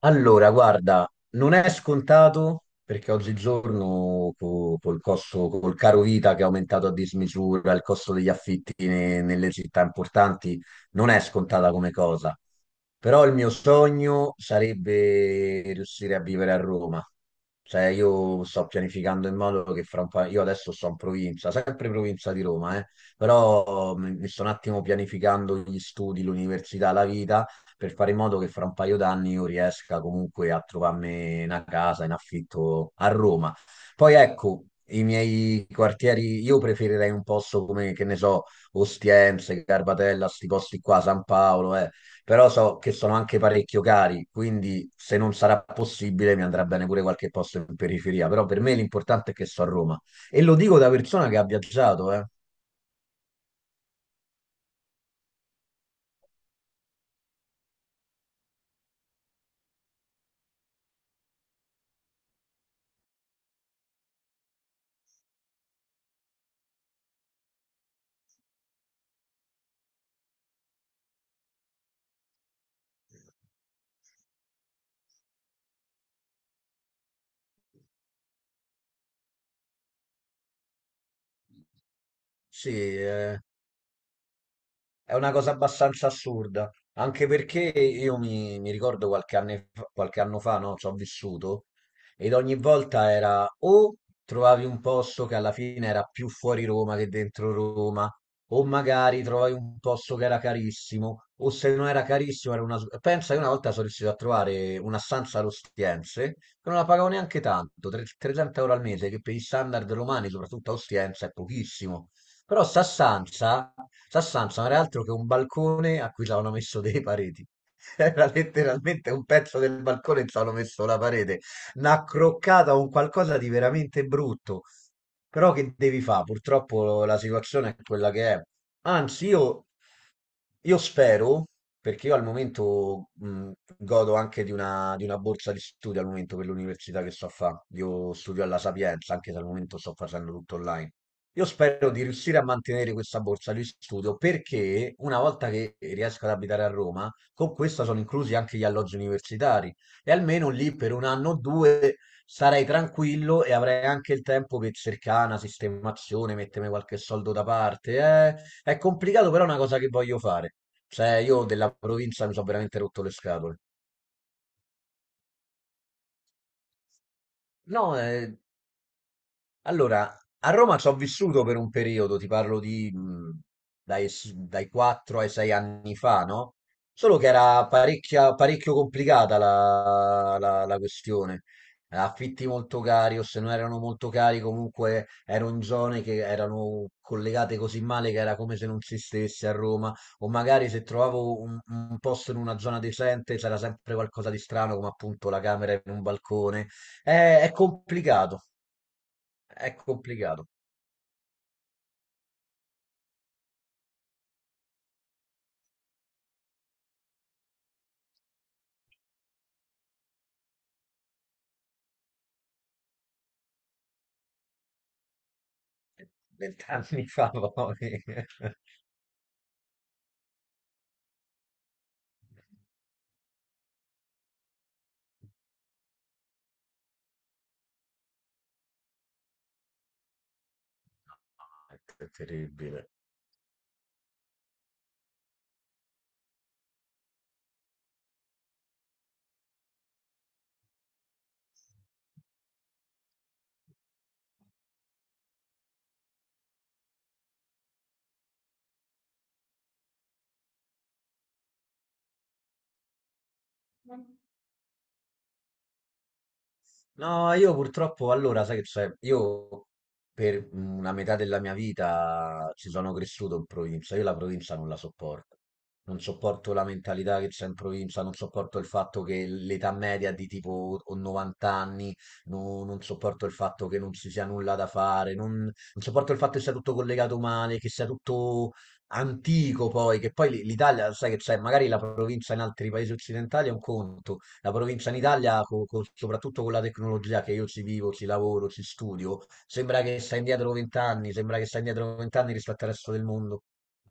Allora, guarda, non è scontato perché oggigiorno col costo, col caro vita che è aumentato a dismisura, il costo degli affitti nelle città importanti non è scontata come cosa. Però il mio sogno sarebbe riuscire a vivere a Roma. Cioè, io sto pianificando in modo che io adesso sto in provincia, sempre provincia di Roma, però mi sto un attimo pianificando gli studi, l'università, la vita per fare in modo che fra un paio d'anni io riesca comunque a trovarmi una casa in affitto a Roma. Poi ecco, i miei quartieri, io preferirei un posto come, che ne so, Ostiense, Garbatella, sti posti qua, San Paolo, eh. Però so che sono anche parecchio cari, quindi se non sarà possibile mi andrà bene pure qualche posto in periferia, però per me l'importante è che sto a Roma. E lo dico da persona che ha viaggiato, eh. Sì, eh. È una cosa abbastanza assurda, anche perché io mi ricordo qualche anno fa, no, ci ho vissuto, ed ogni volta era o trovavi un posto che alla fine era più fuori Roma che dentro Roma, o magari trovavi un posto che era carissimo, o se non era carissimo pensa che una volta sono riuscito a trovare una stanza allo Ostiense, che non la pagavo neanche tanto, 30 euro al mese, che per gli standard romani, soprattutto a Ostiense, è pochissimo. Però Sassanza non era altro che un balcone a cui ci avevano messo dei pareti. Era letteralmente un pezzo del balcone e ci avevano messo la parete. Una croccata, un qualcosa di veramente brutto. Però che devi fare? Purtroppo la situazione è quella che è. Anzi, io spero, perché io al momento godo anche di una borsa di studio al momento per l'università che sto a fare. Io studio alla Sapienza, anche se al momento sto facendo tutto online. Io spero di riuscire a mantenere questa borsa di studio perché una volta che riesco ad abitare a Roma, con questa sono inclusi anche gli alloggi universitari e almeno lì per un anno o due starei tranquillo e avrei anche il tempo per cercare una sistemazione, mettermi qualche soldo da parte, eh. È complicato, però è una cosa che voglio fare. Cioè, io della provincia mi sono veramente rotto le scatole. No, allora, a Roma ci ho vissuto per un periodo, ti parlo di dai 4 ai 6 anni fa, no? Solo che era parecchio complicata la questione. Affitti molto cari, o se non erano molto cari, comunque erano in zone che erano collegate così male che era come se non si stesse a Roma. O magari se trovavo un posto in una zona decente c'era sempre qualcosa di strano, come appunto la camera in un balcone. È complicato. È complicato. Vent'anni fa poi. È terribile. No, io purtroppo allora, sai che c'è, io per una metà della mia vita ci sono cresciuto in provincia, io la provincia non la sopporto, non sopporto la mentalità che c'è in provincia, non sopporto il fatto che l'età media è di tipo o 90 anni, non sopporto il fatto che non ci sia nulla da fare, non sopporto il fatto che sia tutto collegato male, che sia tutto antico poi, che poi l'Italia, sai che c'è, magari la provincia in altri paesi occidentali è un conto, la provincia in Italia, soprattutto con la tecnologia che io ci vivo, ci lavoro, ci studio, sembra che sta indietro vent'anni, sembra che sta indietro vent'anni rispetto al resto del mondo.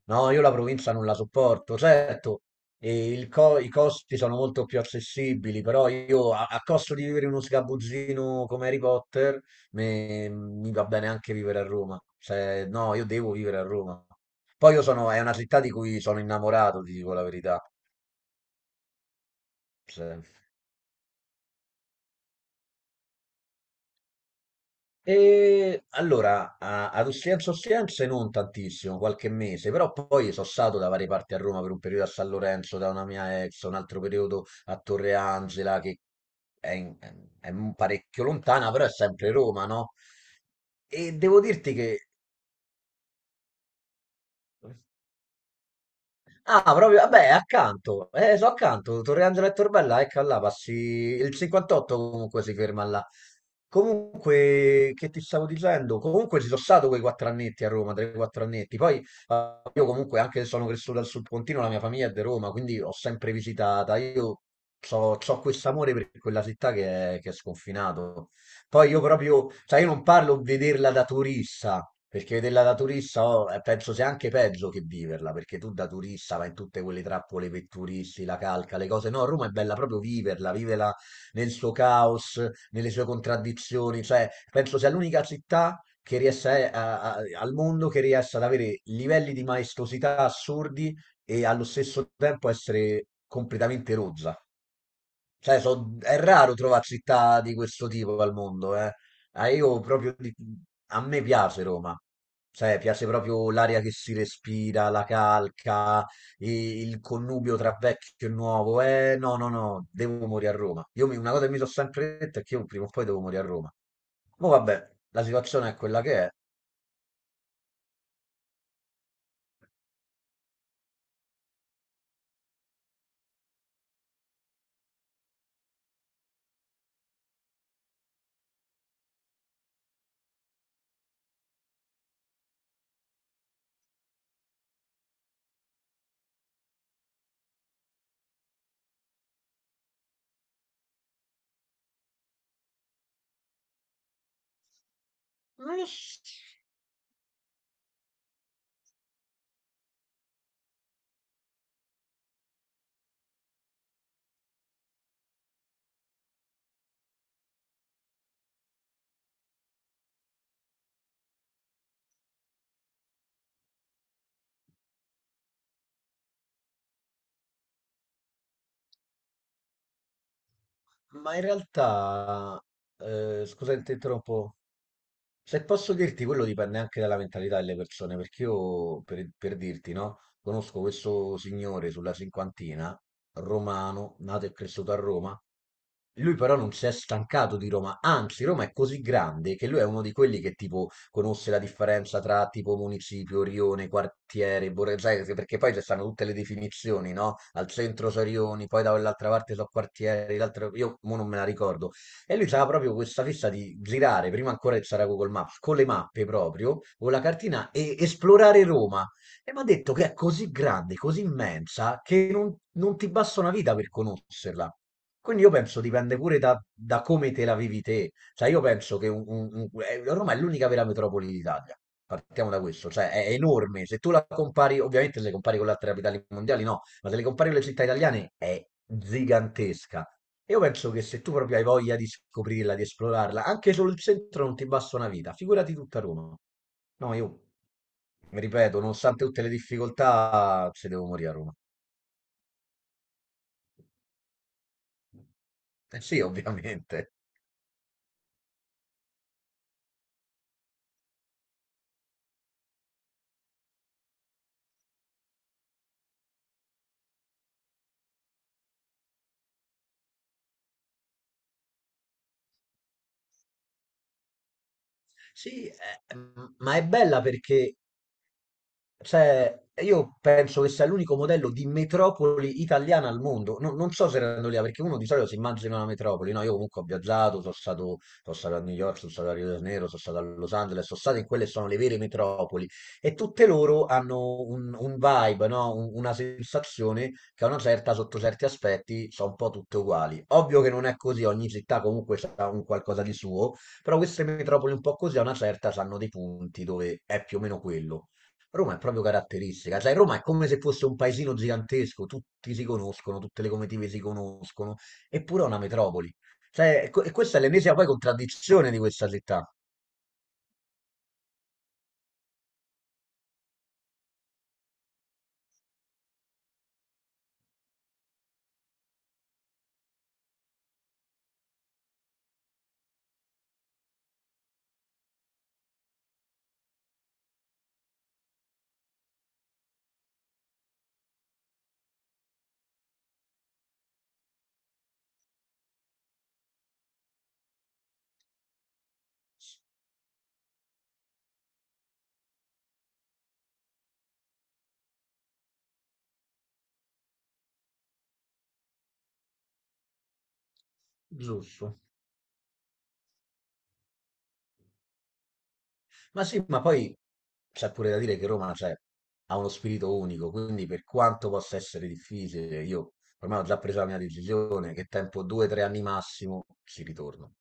No, io la provincia non la sopporto, certo, e il i costi sono molto più accessibili, però io a costo di vivere in uno sgabuzzino come Harry Potter, mi va bene anche vivere a Roma. Cioè, no, io devo vivere a Roma. Poi io sono, è una città di cui sono innamorato, ti dico la verità. Cioè, e allora, ad Ostiense non tantissimo, qualche mese, però poi sono stato da varie parti a Roma per un periodo a San Lorenzo da una mia ex, un altro periodo a Torre Angela che è, in- è un parecchio lontana, però è sempre Roma, no? E devo dirti che ah, proprio, vabbè, accanto, so accanto, Torre Angelo e Torbella, ecco là, passi, il 58 comunque si ferma là. Comunque, che ti stavo dicendo? Comunque ci sono stato quei 4 annetti a Roma, 3-4 annetti, poi io comunque anche se sono cresciuto al Sud Pontino, la mia famiglia è di Roma, quindi ho sempre visitata, io ho questo amore per quella città che è sconfinato. Poi io proprio, cioè io non parlo vederla da turista, perché vederla da turista oh, penso sia anche peggio che viverla, perché tu da turista vai in tutte quelle trappole per turisti, la calca, le cose. No, Roma è bella proprio viverla, vivela nel suo caos, nelle sue contraddizioni, cioè penso sia l'unica città che riesce al mondo che riesce ad avere livelli di maestosità assurdi e allo stesso tempo essere completamente rozza. Cioè, è raro trovare città di questo tipo al mondo, eh. Ah, io proprio a me piace Roma. Cioè, piace proprio l'aria che si respira, la calca, il connubio tra vecchio e nuovo. No, no, no, devo morire a Roma. Io una cosa che mi sono sempre detto è che io prima o poi devo morire a Roma. Ma vabbè, la situazione è quella che è. Non lo so, ma in realtà, scusa, ti interrompo. Se posso dirti, quello dipende anche dalla mentalità delle persone, perché io, per dirti, no, conosco questo signore sulla cinquantina, romano, nato e cresciuto a Roma, lui però non si è stancato di Roma, anzi Roma è così grande che lui è uno di quelli che tipo conosce la differenza tra tipo municipio, rione, quartiere, borgo, sai, perché poi ci stanno tutte le definizioni, no? Al centro sono rioni, poi da quell'altra parte sono quartieri, l'altra- io mo non me la ricordo. E lui aveva proprio questa fissa di girare, prima ancora che c'era Google Maps, con le mappe proprio, o la cartina, e esplorare Roma. E mi ha detto che è così grande, così immensa, che non ti basta una vita per conoscerla. Quindi io penso dipende pure da come te la vivi te. Cioè io penso che Roma è l'unica vera metropoli d'Italia. Partiamo da questo, cioè è enorme. Se tu la compari, ovviamente se le compari con le altre capitali mondiali no, ma se le compari con le città italiane è gigantesca. Io penso che se tu proprio hai voglia di scoprirla, di esplorarla, anche solo il centro non ti basta una vita, figurati tutta Roma. No, io mi ripeto, nonostante tutte le difficoltà, ci devo morire a Roma. Eh sì, ovviamente. Sì, ma è bella perché cioè, io penso che sia l'unico modello di metropoli italiana al mondo. Non so se erano lì, perché uno di solito si immagina una metropoli. No, io comunque ho viaggiato, sono stato a New York, sono stato a Rio de Janeiro, sono stato a Los Angeles, sono stato in quelle che sono le vere metropoli. E tutte loro hanno un vibe, no? Una sensazione che a una certa, sotto certi aspetti, sono un po' tutte uguali. Ovvio che non è così, ogni città comunque ha un qualcosa di suo, però queste metropoli un po' così a una certa hanno dei punti dove è più o meno quello. Roma è proprio caratteristica, cioè Roma è come se fosse un paesino gigantesco, tutti si conoscono, tutte le comitive si conoscono, eppure è una metropoli. Cioè, e questa è l'ennesima poi contraddizione di questa città, giusto? Ma sì, ma poi c'è pure da dire che Roma cioè, ha uno spirito unico, quindi per quanto possa essere difficile, io ormai ho già preso la mia decisione, che tempo 2, 3 anni massimo ci ritorno.